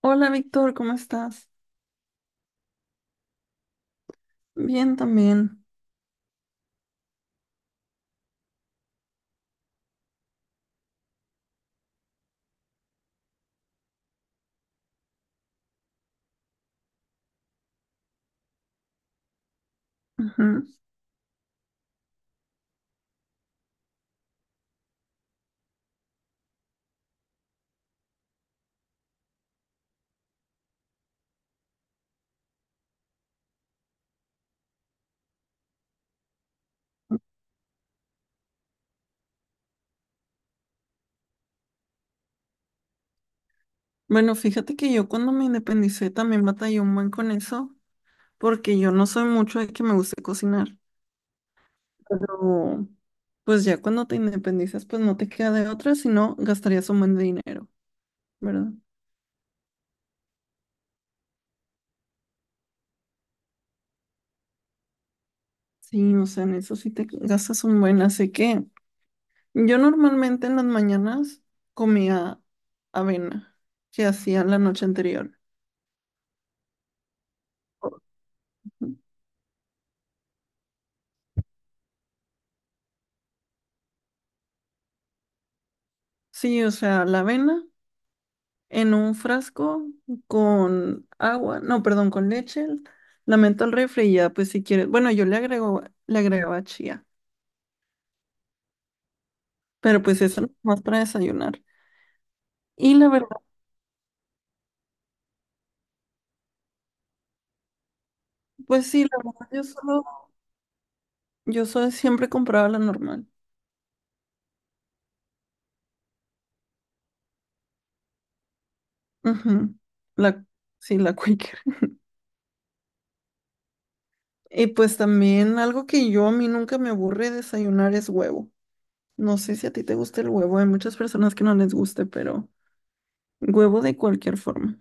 Hola Víctor, ¿cómo estás? Bien también. Ujú. Bueno, fíjate que yo cuando me independicé también batallé un buen con eso, porque yo no soy mucho de que me guste cocinar, pero pues ya cuando te independizas, pues no te queda de otra, sino gastarías un buen de dinero, ¿verdad? Sí, o sea, en eso sí te gastas un buen, así que yo normalmente en las mañanas comía avena que hacía la noche anterior. Ujú. Sí, o sea, la avena en un frasco con agua, no, perdón, con leche, la meto al refri y ya, pues si quieres, bueno, yo le agrego, le agregaba chía, pero pues eso no es más para desayunar. Y la verdad, pues sí, la verdad, yo solo siempre compraba la normal. Ujú. La, sí, la Quaker. Y pues también algo que yo a mí nunca me aburre desayunar es huevo. No sé si a ti te gusta el huevo, hay muchas personas que no les guste, pero huevo de cualquier forma.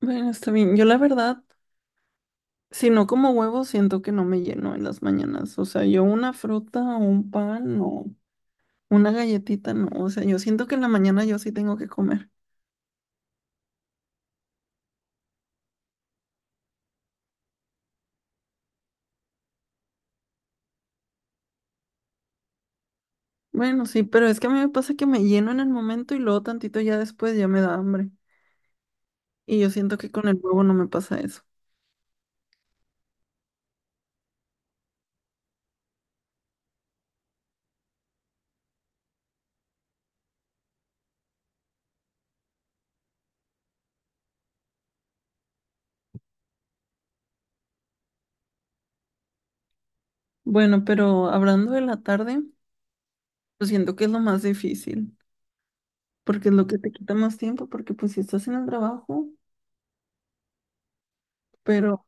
Bueno, está bien. Yo la verdad, si no como huevo, siento que no me lleno en las mañanas. O sea, yo una fruta o un pan o una galletita, no. O sea, yo siento que en la mañana yo sí tengo que comer. Bueno, sí, pero es que a mí me pasa que me lleno en el momento y luego tantito ya después ya me da hambre. Y yo siento que con el huevo no me pasa eso. Bueno, pero hablando de la tarde, pues siento que es lo más difícil, porque es lo que te quita más tiempo, porque pues si estás en el trabajo, pero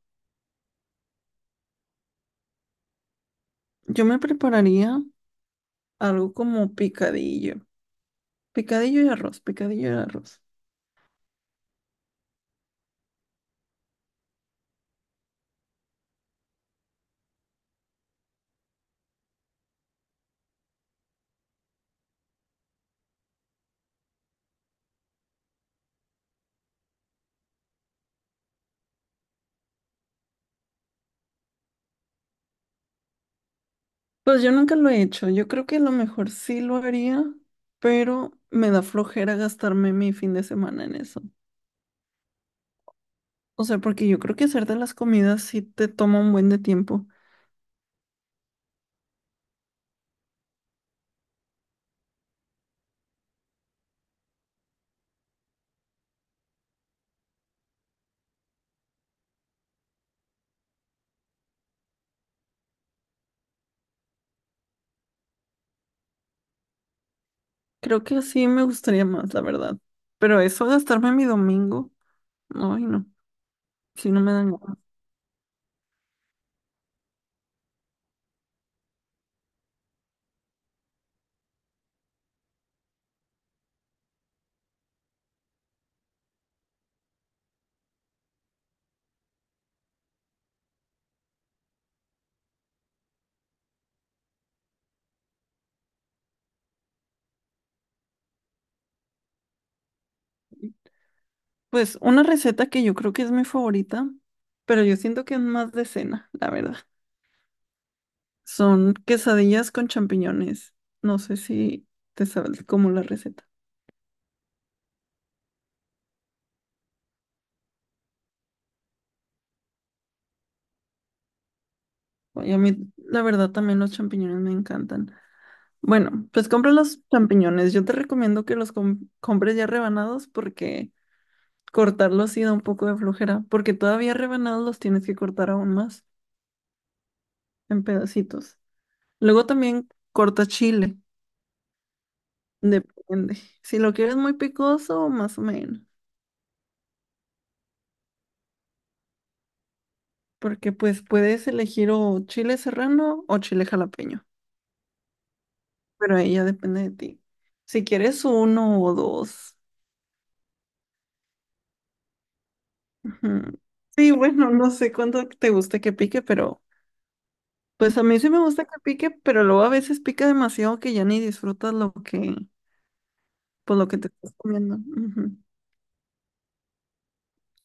yo me prepararía algo como picadillo. Picadillo y arroz, picadillo y arroz. Pues yo nunca lo he hecho. Yo creo que a lo mejor sí lo haría, pero me da flojera gastarme mi fin de semana en eso. O sea, porque yo creo que hacer de las comidas sí te toma un buen de tiempo. Creo que así me gustaría más, la verdad. Pero eso, gastarme mi domingo, ay no, si no me dan ganas. Pues una receta que yo creo que es mi favorita, pero yo siento que es más de cena, la verdad. Son quesadillas con champiñones. No sé si te sabes como la receta. Oye, a mí, la verdad, también los champiñones me encantan. Bueno, pues compra los champiñones. Yo te recomiendo que compres ya rebanados, porque cortarlos sí da un poco de flojera, porque todavía rebanados los tienes que cortar aún más en pedacitos. Luego también corta chile, depende. Si lo quieres muy picoso, más o menos, porque pues puedes elegir o chile serrano o chile jalapeño, pero ahí ya depende de ti. Si quieres uno o dos. Ujú. Sí, bueno, no sé cuánto te gusta que pique, pero pues a mí sí me gusta que pique, pero luego a veces pica demasiado que ya ni disfrutas lo que, pues lo que te estás comiendo. Ujú.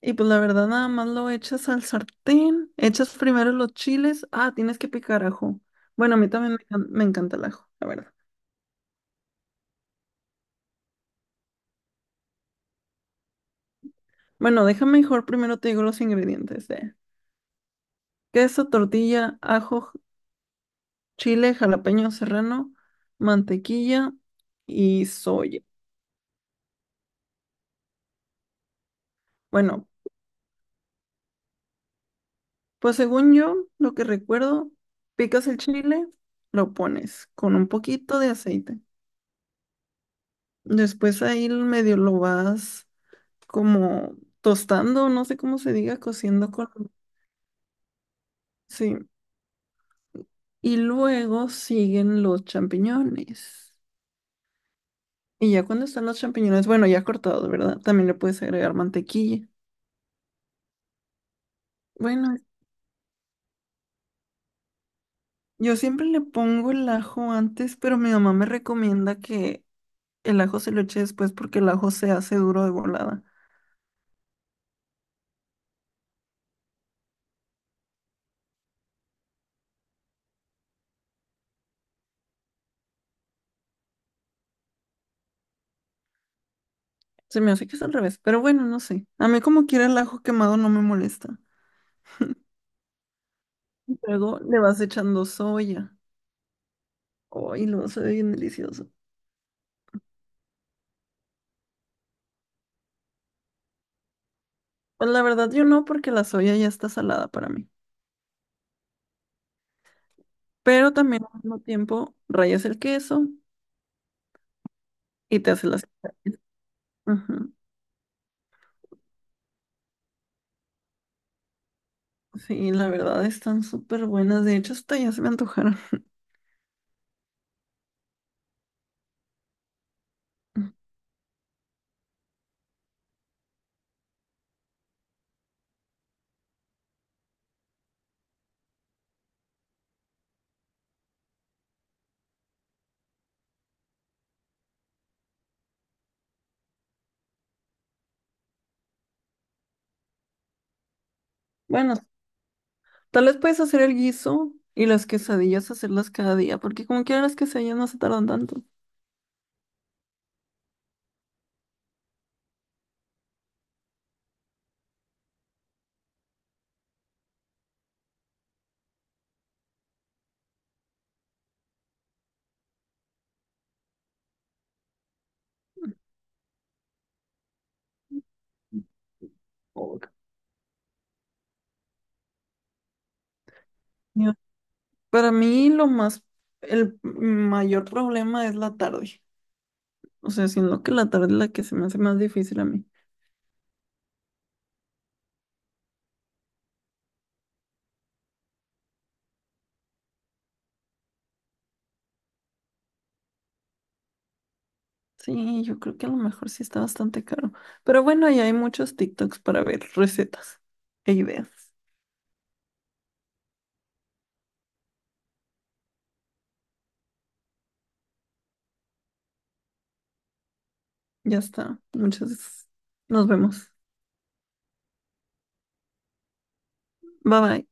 Y pues la verdad nada más lo echas al sartén, echas primero los chiles, ah, tienes que picar ajo. Bueno, a mí también me encanta el ajo, la verdad. Bueno, déjame mejor primero te digo los ingredientes: de queso, tortilla, ajo, chile, jalapeño serrano, mantequilla y soya. Bueno, pues según yo, lo que recuerdo, picas el chile, lo pones con un poquito de aceite. Después ahí medio lo vas como tostando, no sé cómo se diga, cociendo con... Sí. Y luego siguen los champiñones. Y ya cuando están los champiñones, bueno, ya cortados, ¿verdad? También le puedes agregar mantequilla. Bueno, yo siempre le pongo el ajo antes, pero mi mamá me recomienda que el ajo se lo eche después porque el ajo se hace duro de volada. Se me hace que es al revés, pero bueno, no sé. A mí como quiera el ajo quemado no me molesta. Y luego le vas echando soya. Ay, lo hace bien delicioso. Pues la verdad yo no, porque la soya ya está salada para mí. Pero también al mismo tiempo rayas el queso y te haces las... quesadillas. Ujú. Sí, la verdad están súper buenas. De hecho, hasta ya se me antojaron. Bueno, tal vez puedes hacer el guiso y las quesadillas hacerlas cada día, porque como quiera las quesadillas no se tardan tanto. Oh, para mí lo más, el mayor problema es la tarde. O sea, siendo que la tarde es la que se me hace más difícil a mí. Sí, yo creo que a lo mejor sí está bastante caro. Pero bueno, ahí hay muchos TikToks para ver recetas e ideas. Ya está. Muchas. Nos vemos. Bye bye.